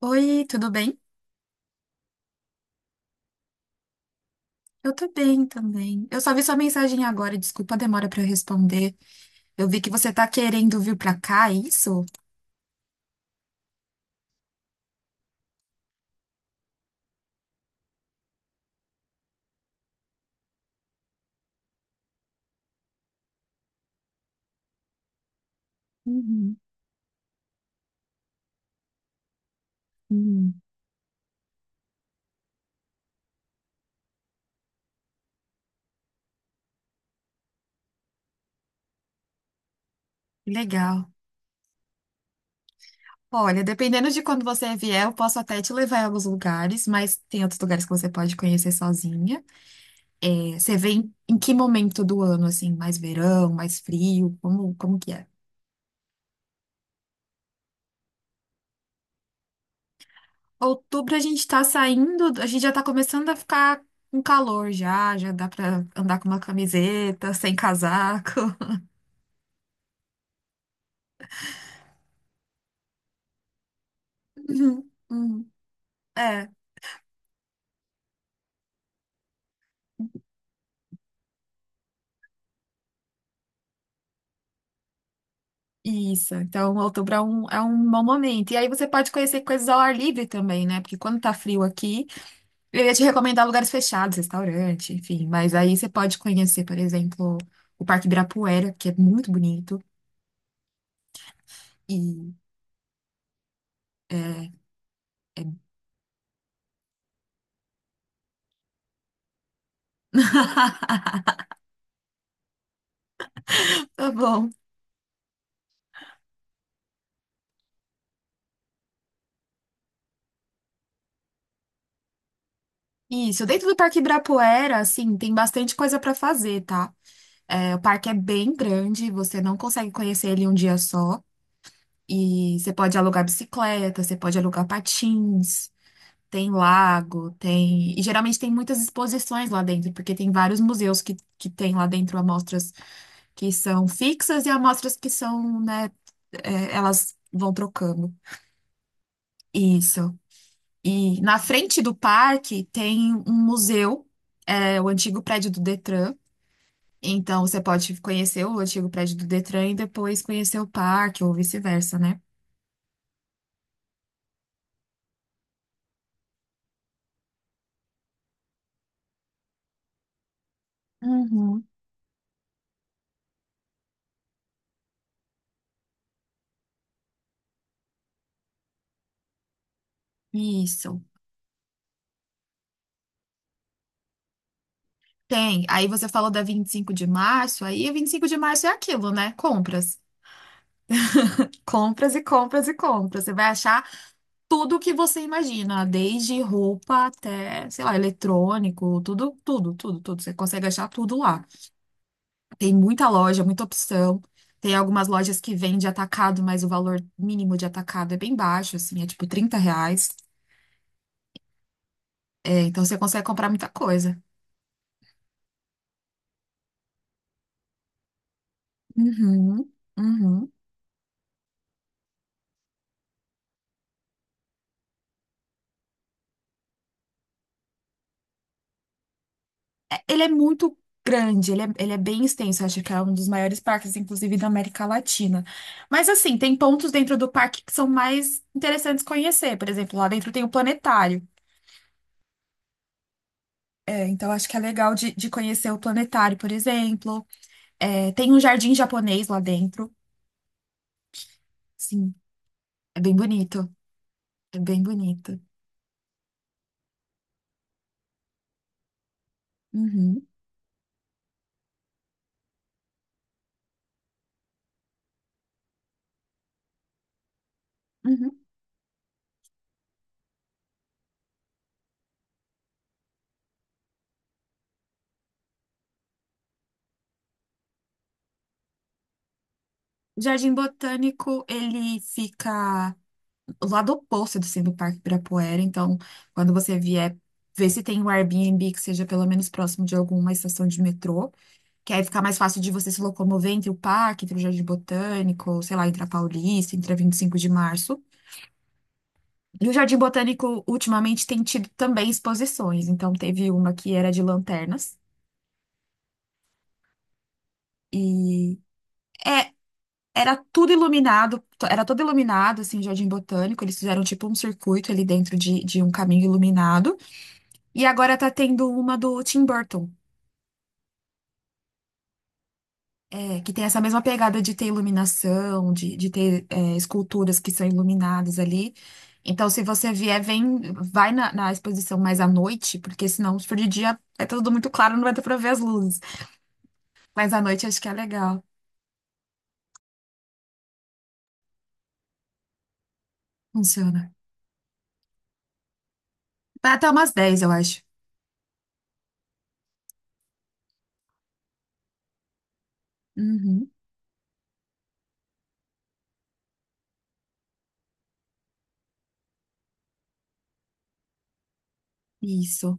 Oi, tudo bem? Eu tô bem também. Eu só vi sua mensagem agora, desculpa a demora pra eu responder. Eu vi que você tá querendo vir pra cá, é isso? Uhum, uhum. Legal. Olha, dependendo de quando você vier, eu posso até te levar em alguns lugares, mas tem outros lugares que você pode conhecer sozinha. É, você vem em que momento do ano, assim? Mais verão, mais frio? Como que é? Outubro a gente tá saindo, a gente já tá começando a ficar com calor já, já dá pra andar com uma camiseta, sem casaco. Uhum, uhum. É, isso. Então, outubro é um bom momento. E aí você pode conhecer coisas ao ar livre também, né? Porque quando tá frio aqui, eu ia te recomendar lugares fechados, restaurante, enfim. Mas aí você pode conhecer, por exemplo, o Parque Ibirapuera, que é muito bonito. E é, é muito bom. Isso, dentro do Parque Ibirapuera, assim, tem bastante coisa para fazer, tá? É, o parque é bem grande, você não consegue conhecer ele em um dia só. E você pode alugar bicicleta, você pode alugar patins, tem lago, tem. E geralmente tem muitas exposições lá dentro, porque tem vários museus que tem lá dentro amostras que são fixas e amostras que são, né, é, elas vão trocando. Isso. E na frente do parque tem um museu, é, o antigo prédio do Detran. Então, você pode conhecer o antigo prédio do Detran e depois conhecer o parque, ou vice-versa, né? Uhum. Isso. Tem. Aí você falou da 25 de março, aí 25 de março é aquilo, né? Compras. Compras e compras e compras. Você vai achar tudo o que você imagina, desde roupa até, sei lá, eletrônico, tudo, tudo, tudo, tudo. Você consegue achar tudo lá. Tem muita loja, muita opção. Tem algumas lojas que vendem atacado, mas o valor mínimo de atacado é bem baixo, assim, é tipo R$ 30. Então você consegue comprar muita coisa. Uhum, uhum. É, ele é muito grande, ele é bem extenso. Acho que é um dos maiores parques, inclusive, da América Latina. Mas assim, tem pontos dentro do parque que são mais interessantes conhecer. Por exemplo, lá dentro tem o planetário. É, então acho que é legal de conhecer o planetário, por exemplo. É, tem um jardim japonês lá dentro. Sim, é bem bonito. É bem bonito. Uhum, uhum. O Jardim Botânico, ele fica o lado oposto do Cine Parque Ibirapuera. Então, quando você vier, ver se tem um Airbnb que seja pelo menos próximo de alguma estação de metrô, que aí fica mais fácil de você se locomover entre o parque, entre o Jardim Botânico, sei lá, entre a Paulista, entre a 25 de março. E o Jardim Botânico, ultimamente, tem tido também exposições. Então, teve uma que era de lanternas. E é, era todo iluminado, assim, o Jardim Botânico. Eles fizeram, tipo, um circuito ali dentro de um caminho iluminado. E agora tá tendo uma do Tim Burton, é, que tem essa mesma pegada de ter iluminação, de ter é, esculturas que são iluminadas ali. Então, se você vier, vem, vai na exposição mais à noite, porque senão, se for de dia, é tudo muito claro, não vai dar pra ver as luzes. Mas à noite acho que é legal. Funciona. Vai até umas 10 eu acho. Uhum, isso.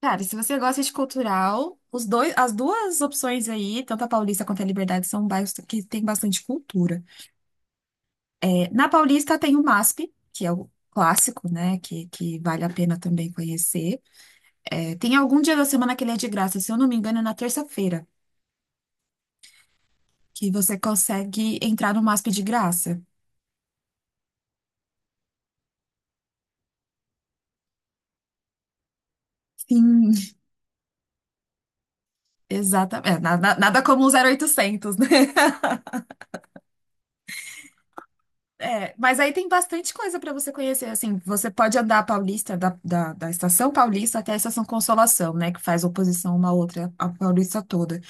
Cara, e se você gosta de cultural, as duas opções aí, tanto a Paulista quanto a Liberdade, são bairros que tem bastante cultura. Na Paulista tem o MASP, que é o clássico, né? Que vale a pena também conhecer. É, tem algum dia da semana que ele é de graça, se eu não me engano, é na terça-feira, que você consegue entrar no MASP de graça. Sim, exatamente. É, nada como um zero oitocentos, né? É, mas aí tem bastante coisa para você conhecer, assim, você pode andar a Paulista, da Estação Paulista até a Estação Consolação, né, que faz oposição uma à outra, a Paulista toda.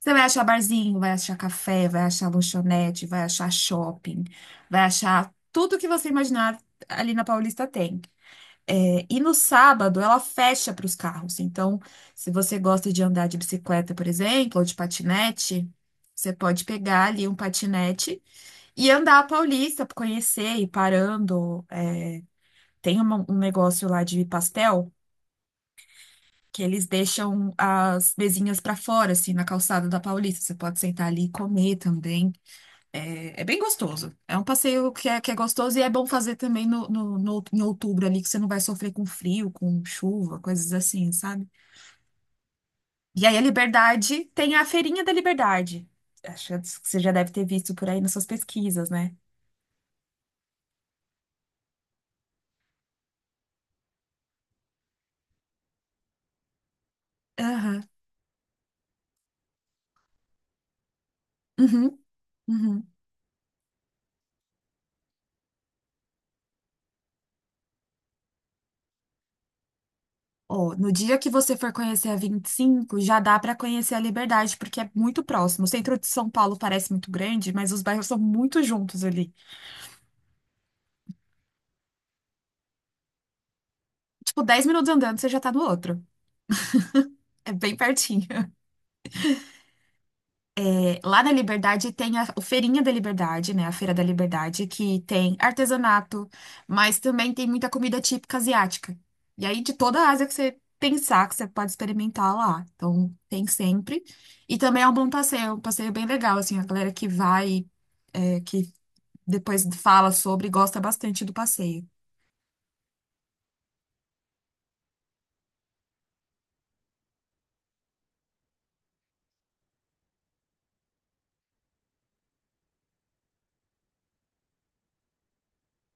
Você vai achar barzinho, vai achar café, vai achar lanchonete, vai achar shopping, vai achar tudo que você imaginar ali na Paulista tem. É, e no sábado ela fecha para os carros. Então, se você gosta de andar de bicicleta, por exemplo, ou de patinete, você pode pegar ali um patinete e andar a Paulista, conhecer, ir parando. É, tem um negócio lá de pastel que eles deixam as mesinhas para fora, assim, na calçada da Paulista. Você pode sentar ali e comer também. É, é bem gostoso. É um passeio que é gostoso e é bom fazer também em outubro ali, que você não vai sofrer com frio, com chuva, coisas assim, sabe? E aí a Liberdade tem a Feirinha da Liberdade. Acho que você já deve ter visto por aí nas suas pesquisas, né? Aham. Uhum. Uhum. Ó, no dia que você for conhecer a 25, já dá para conhecer a Liberdade, porque é muito próximo. O centro de São Paulo parece muito grande, mas os bairros são muito juntos ali. Tipo, 10 minutos andando, você já tá no outro. É bem pertinho. Lá na Liberdade tem a o Feirinha da Liberdade, né? A Feira da Liberdade, que tem artesanato, mas também tem muita comida típica asiática. E aí, de toda a Ásia que você pensar, que você pode experimentar lá. Então, tem sempre. E também é um bom passeio, é um passeio bem legal, assim, a galera que vai é, que depois fala sobre e gosta bastante do passeio.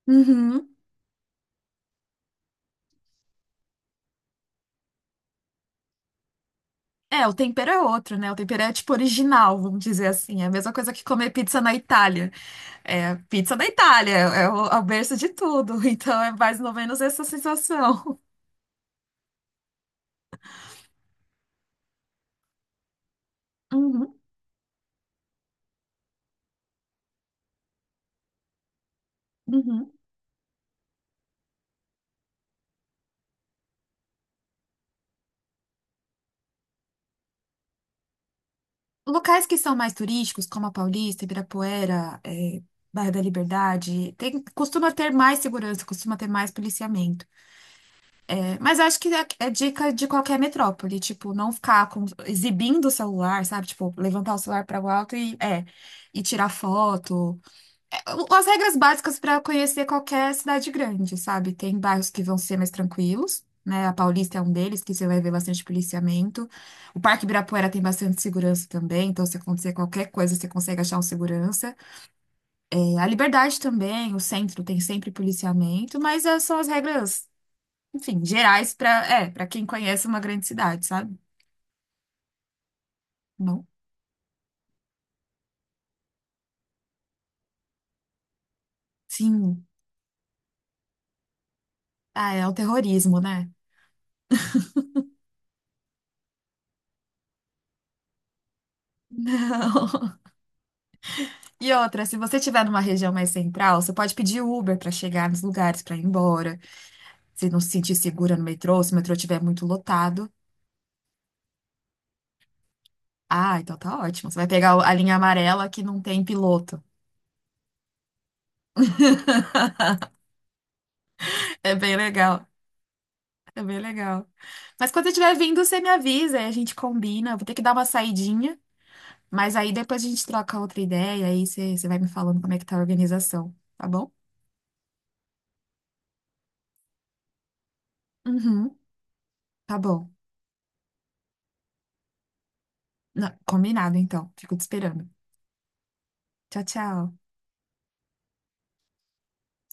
Uhum. É, o tempero é outro, né? O tempero é tipo original, vamos dizer assim. É a mesma coisa que comer pizza na Itália. É, pizza da Itália, é o berço de tudo. Então é mais ou menos essa sensação. Uhum, uhum. Locais que são mais turísticos, como a Paulista, Ibirapuera, é, Bairro da Liberdade, tem, costuma ter mais segurança, costuma ter mais policiamento. Mas acho que é dica de qualquer metrópole, tipo, não ficar exibindo o celular, sabe? Tipo, levantar o celular para o alto e, é, e tirar foto. É, o- as regras básicas para conhecer qualquer cidade grande, sabe? Tem bairros que vão ser mais tranquilos, né? A Paulista é um deles, que você vai ver bastante policiamento. O Parque Ibirapuera tem bastante segurança também, então se acontecer qualquer coisa, você consegue achar um segurança. É, a Liberdade também, o centro tem sempre policiamento, mas é, são as regras enfim, gerais para, é, para quem conhece uma grande cidade, sabe? Bom, sim. Ah, é o terrorismo, né? Não. E outra, se você estiver numa região mais central, você pode pedir Uber para chegar nos lugares, para ir embora. Se não se sentir segura no metrô, se o metrô estiver muito lotado. Ah, então tá ótimo. Você vai pegar a linha amarela que não tem piloto. É bem legal. É bem legal. Mas quando você estiver vindo, você me avisa e a gente combina. Eu vou ter que dar uma saidinha. Mas aí depois a gente troca outra ideia, aí você vai me falando como é que tá a organização, tá bom? Uhum, tá bom. Não, combinado então. Fico te esperando. Tchau, tchau.